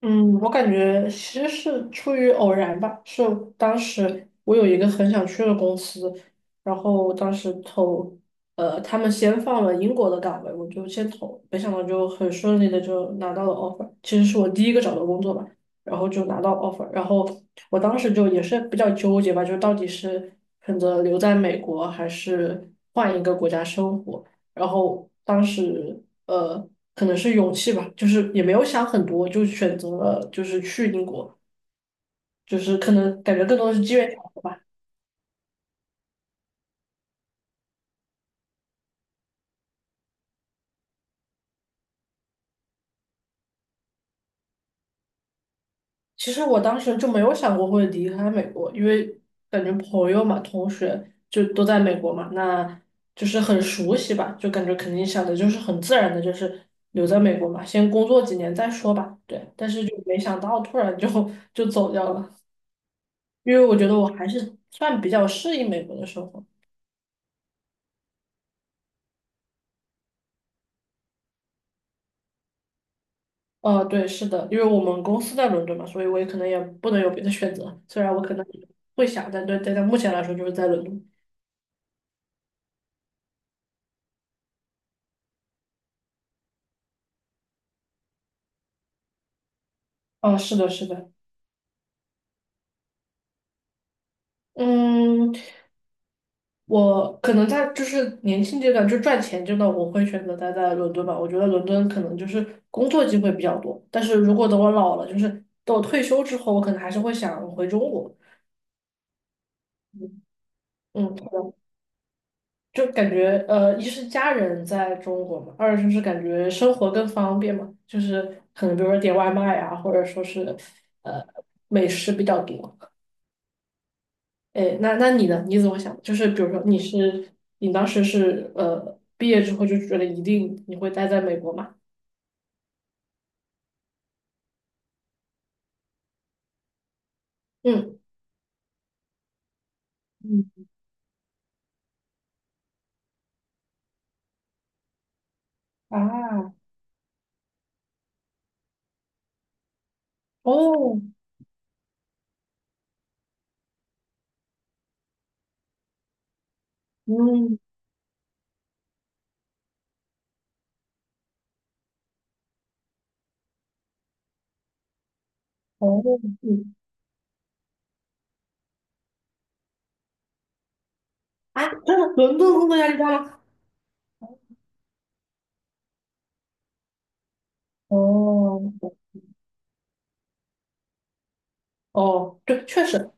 嗯，我感觉其实是出于偶然吧，是当时我有一个很想去的公司，然后当时投，他们先放了英国的岗位，我就先投，没想到就很顺利的就拿到了 offer，其实是我第一个找的工作吧，然后就拿到 offer，然后我当时就也是比较纠结吧，就到底是选择留在美国还是换一个国家生活。然后当时可能是勇气吧，就是也没有想很多，就选择了就是去英国，就是可能感觉更多的是机缘巧合吧。其实我当时就没有想过会离开美国，因为感觉朋友嘛、同学就都在美国嘛，那就是很熟悉吧，就感觉肯定想的就是很自然的，就是留在美国嘛，先工作几年再说吧。对，但是就没想到突然就走掉了，因为我觉得我还是算比较适应美国的生活。对，是的，因为我们公司在伦敦嘛，所以我也可能也不能有别的选择。虽然我可能会想，但对，但在目前来说就是在伦敦。啊，是的，是的，嗯，我可能在就是年轻阶段就赚钱阶段，我会选择待在伦敦吧。我觉得伦敦可能就是工作机会比较多，但是如果等我老了，就是等我退休之后，我可能还是会想回中国。嗯，嗯，就感觉一是家人在中国嘛，二就是感觉生活更方便嘛，就是可能比如说点外卖啊，或者说是呃美食比较多。哎，那你呢？你怎么想？就是比如说你当时是毕业之后就觉得一定你会待在美国嘛？嗯嗯啊哦嗯哦嗯。啊，真的伦敦工作压力大吗？哦哦，对，确实。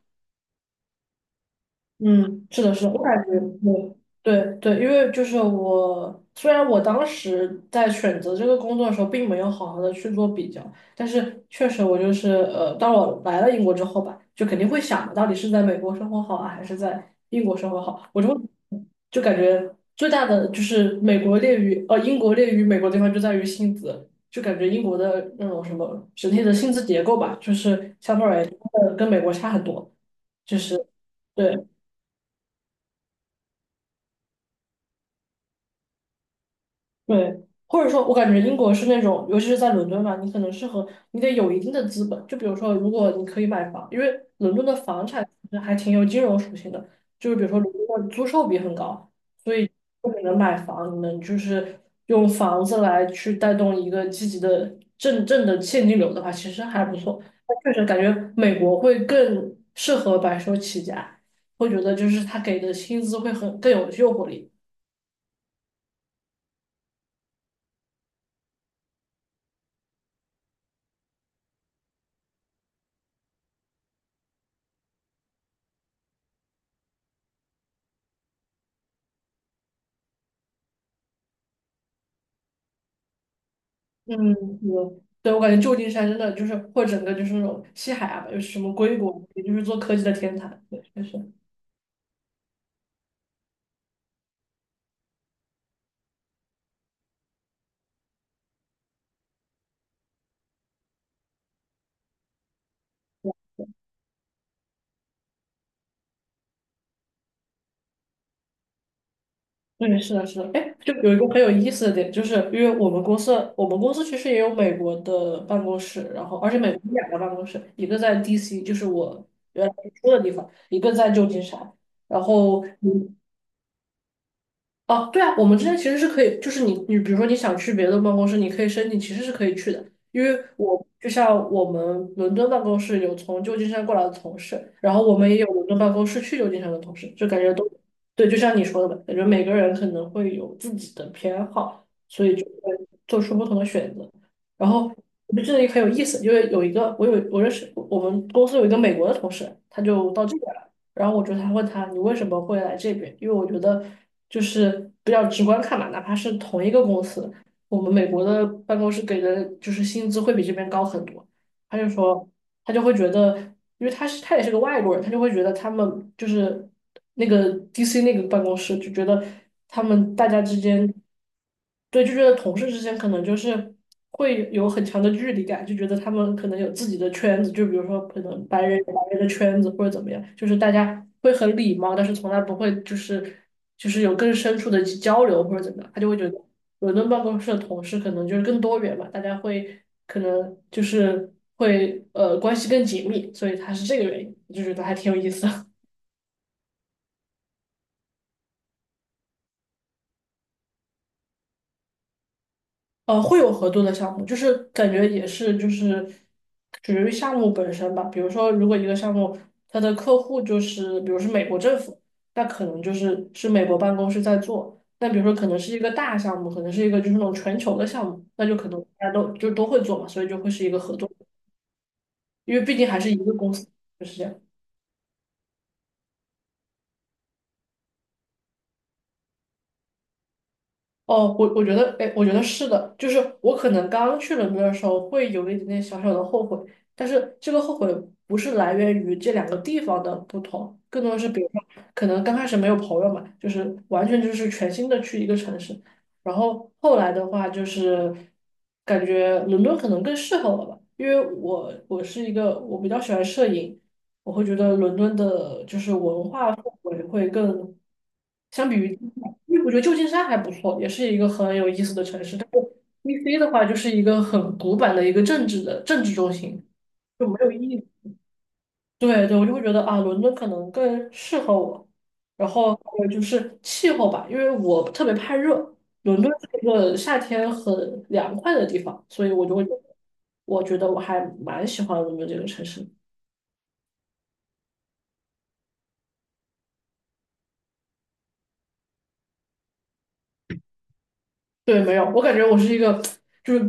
嗯，是的，是的，我感觉对对对，因为就是我，虽然我当时在选择这个工作的时候，并没有好好的去做比较，但是确实我就是当我来了英国之后吧，就肯定会想的到底是在美国生活好啊，还是在英国生活好，我会就感觉最大的就是美国劣于呃英国劣于美国的地方就在于薪资，就感觉英国的那种什么整体的薪资结构吧，就是相对而言真的跟美国差很多，就是。对。对，或者说，我感觉英国是那种，尤其是在伦敦嘛，你可能适合，你得有一定的资本。就比如说，如果你可以买房，因为伦敦的房产其实还挺有金融属性的，就是比如说如果的租售比很高，所以如果你能买房，你能就是用房子来去带动一个积极的正的现金流的话，其实还不错。但确实感觉美国会更适合白手起家，会觉得就是他给的薪资会很更有诱惑力。嗯，对，对，我感觉旧金山真的就是，或者整个就是那种西海岸吧，就是什么硅谷，也就是做科技的天堂。对，确实，对，是的，是的。哎，就有一个很有意思的点，就是因为我们公司其实也有美国的办公室，然后而且美国有两个办公室，一个在 DC，就是我原来住的地方，一个在旧金山。然后哦，对啊，我们之间其实是可以，就是你比如说你想去别的办公室，你可以申请，其实是可以去的。因为我就像我们伦敦办公室有从旧金山过来的同事，然后我们也有伦敦办公室去旧金山的同事，就感觉都对，就像你说的吧，感觉每个人可能会有自己的偏好，所以就会做出不同的选择。然后我就记得也很有意思，因为有一个我有我认识我们公司有一个美国的同事，他就到这边来。然后我就他问他你为什么会来这边？因为我觉得就是比较直观看嘛，哪怕是同一个公司，我们美国的办公室给的就是薪资会比这边高很多。他就说他就会觉得，因为他也是个外国人，他就会觉得他们就是那个 DC 那个办公室就觉得他们大家之间，对，就觉得同事之间可能就是会有很强的距离感，就觉得他们可能有自己的圈子，就比如说可能白人有白人的圈子或者怎么样，就是大家会很礼貌，但是从来不会就是。就是有更深处的交流或者怎么样，他就会觉得伦敦办公室的同事可能就是更多元嘛，大家会可能就是会关系更紧密，所以他是这个原因，我就觉得还挺有意思的。会有合作的项目，就是感觉也是就是属于项目本身吧。比如说，如果一个项目它的客户就是，比如是美国政府，那可能是美国办公室在做。那比如说，可能是一个大项目，可能是一个就是那种全球的项目，那就可能大家都就都会做嘛，所以就会是一个合作，因为毕竟还是一个公司，就是这样。哦，我觉得，哎，我觉得是的，就是我可能刚去伦敦的时候会有一点点小小的后悔，但是这个后悔不是来源于这两个地方的不同，更多的是比如说，可能刚开始没有朋友嘛，就是完全就是全新的去一个城市，然后后来的话就是感觉伦敦可能更适合我吧，因为我我是一个我比较喜欢摄影，我会觉得伦敦的就是文化氛围因为我觉得旧金山还不错，也是一个很有意思的城市。但是 DC 的话，就是一个很古板的一个政治中心，就没有意义。对对，我就会觉得啊，伦敦可能更适合我。然后还有就是气候吧，因为我特别怕热，伦敦是一个夏天很凉快的地方，所以我就会，我觉得我还蛮喜欢伦敦这个城市。对，没有，我感觉我是一个，就是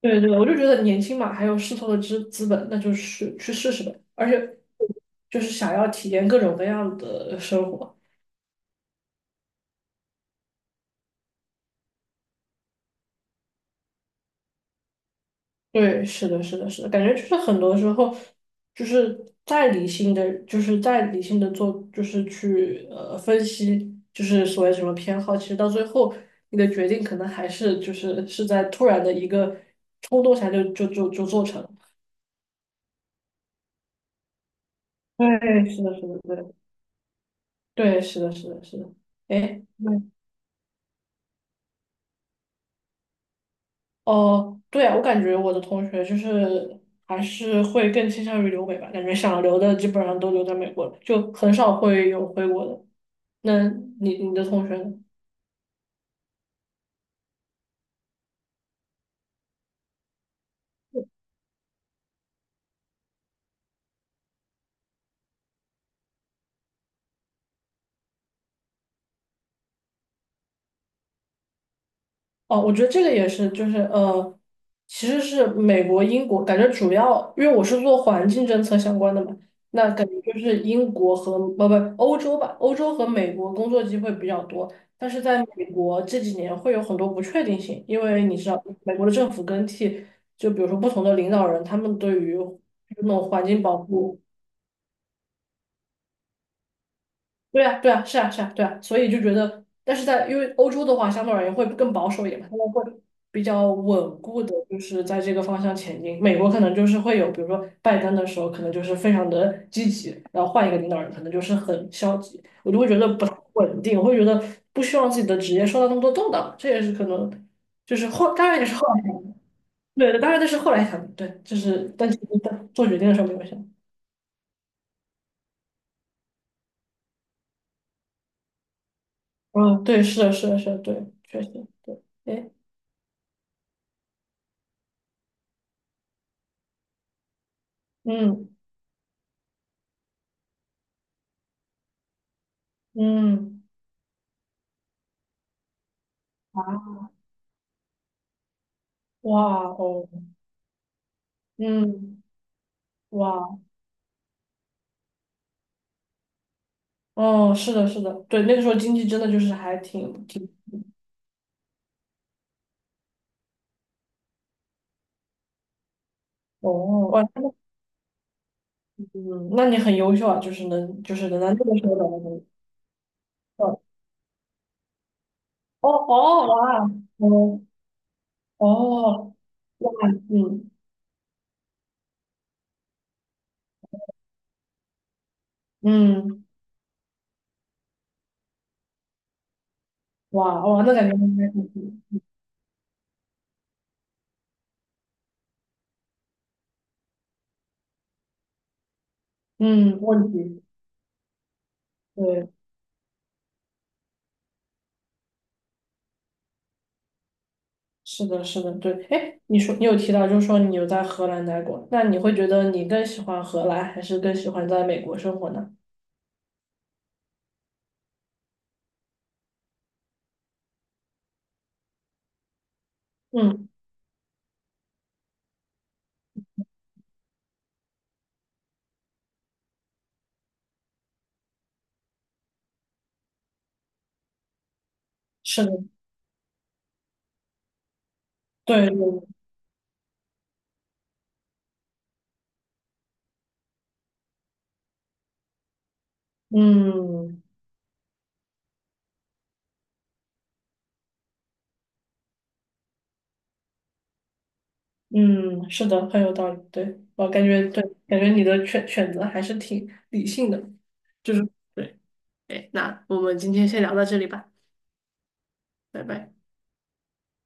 对对，我就觉得年轻嘛，还有试错的资本，那就是去试试呗。而且就是想要体验各种各样的生活。对，是的，是的，是的，感觉就是很多时候就是再理性的，就是再理性的做，就是去分析，就是所谓什么偏好，其实到最后你的决定可能还是是在突然的一个冲动下就做成了。对，是的，是的，对，对，是的，是的，是的。哎。哦，对啊，我感觉我的同学就是还是会更倾向于留美吧，感觉想留的基本上都留在美国了，就很少会有回国的。那你的同学呢？哦，我觉得这个也是，就是其实是美国、英国，感觉主要，因为我是做环境政策相关的嘛，那感觉就是英国和不欧洲吧，欧洲和美国工作机会比较多，但是在美国这几年会有很多不确定性，因为你知道，美国的政府更替，就比如说不同的领导人，他们对于那种环境保护对啊，对啊，是啊，是啊，对啊，所以就觉得，但是因为欧洲的话，相对而言会更保守一点嘛，他们会比较稳固的，就是在这个方向前进。美国可能就是会有，比如说拜登的时候，可能就是非常的积极，然后换一个领导人，可能就是很消极，我就会觉得不太稳定，我会觉得不希望自己的职业受到那么多动荡，这也是可能，就是后，当然也是后来，对，当然这是后来想的对，就是，但其实在做决定的时候没有想，嗯，对，是的，是的，是的，对，确实，对，哎，嗯。嗯，啊，哇哦，嗯，哇，哦，是的，是的，对，那个时候经济真的就是还挺，哦，哇，那嗯，那你很优秀啊，就是能，就是能在那个时候找到工作，哦哦，哇，哦哦，哇，嗯嗯，哇哇，那感觉应该挺，嗯，问题，对，是的，是的，对，哎，你说你有提到，就是说你有在荷兰待过，那你会觉得你更喜欢荷兰，还是更喜欢在美国生活呢？嗯。是的，对，对嗯嗯，是的，很有道理。对，我感觉对，感觉你的选择还是挺理性的，就是对。哎，那我们今天先聊到这里吧，拜拜。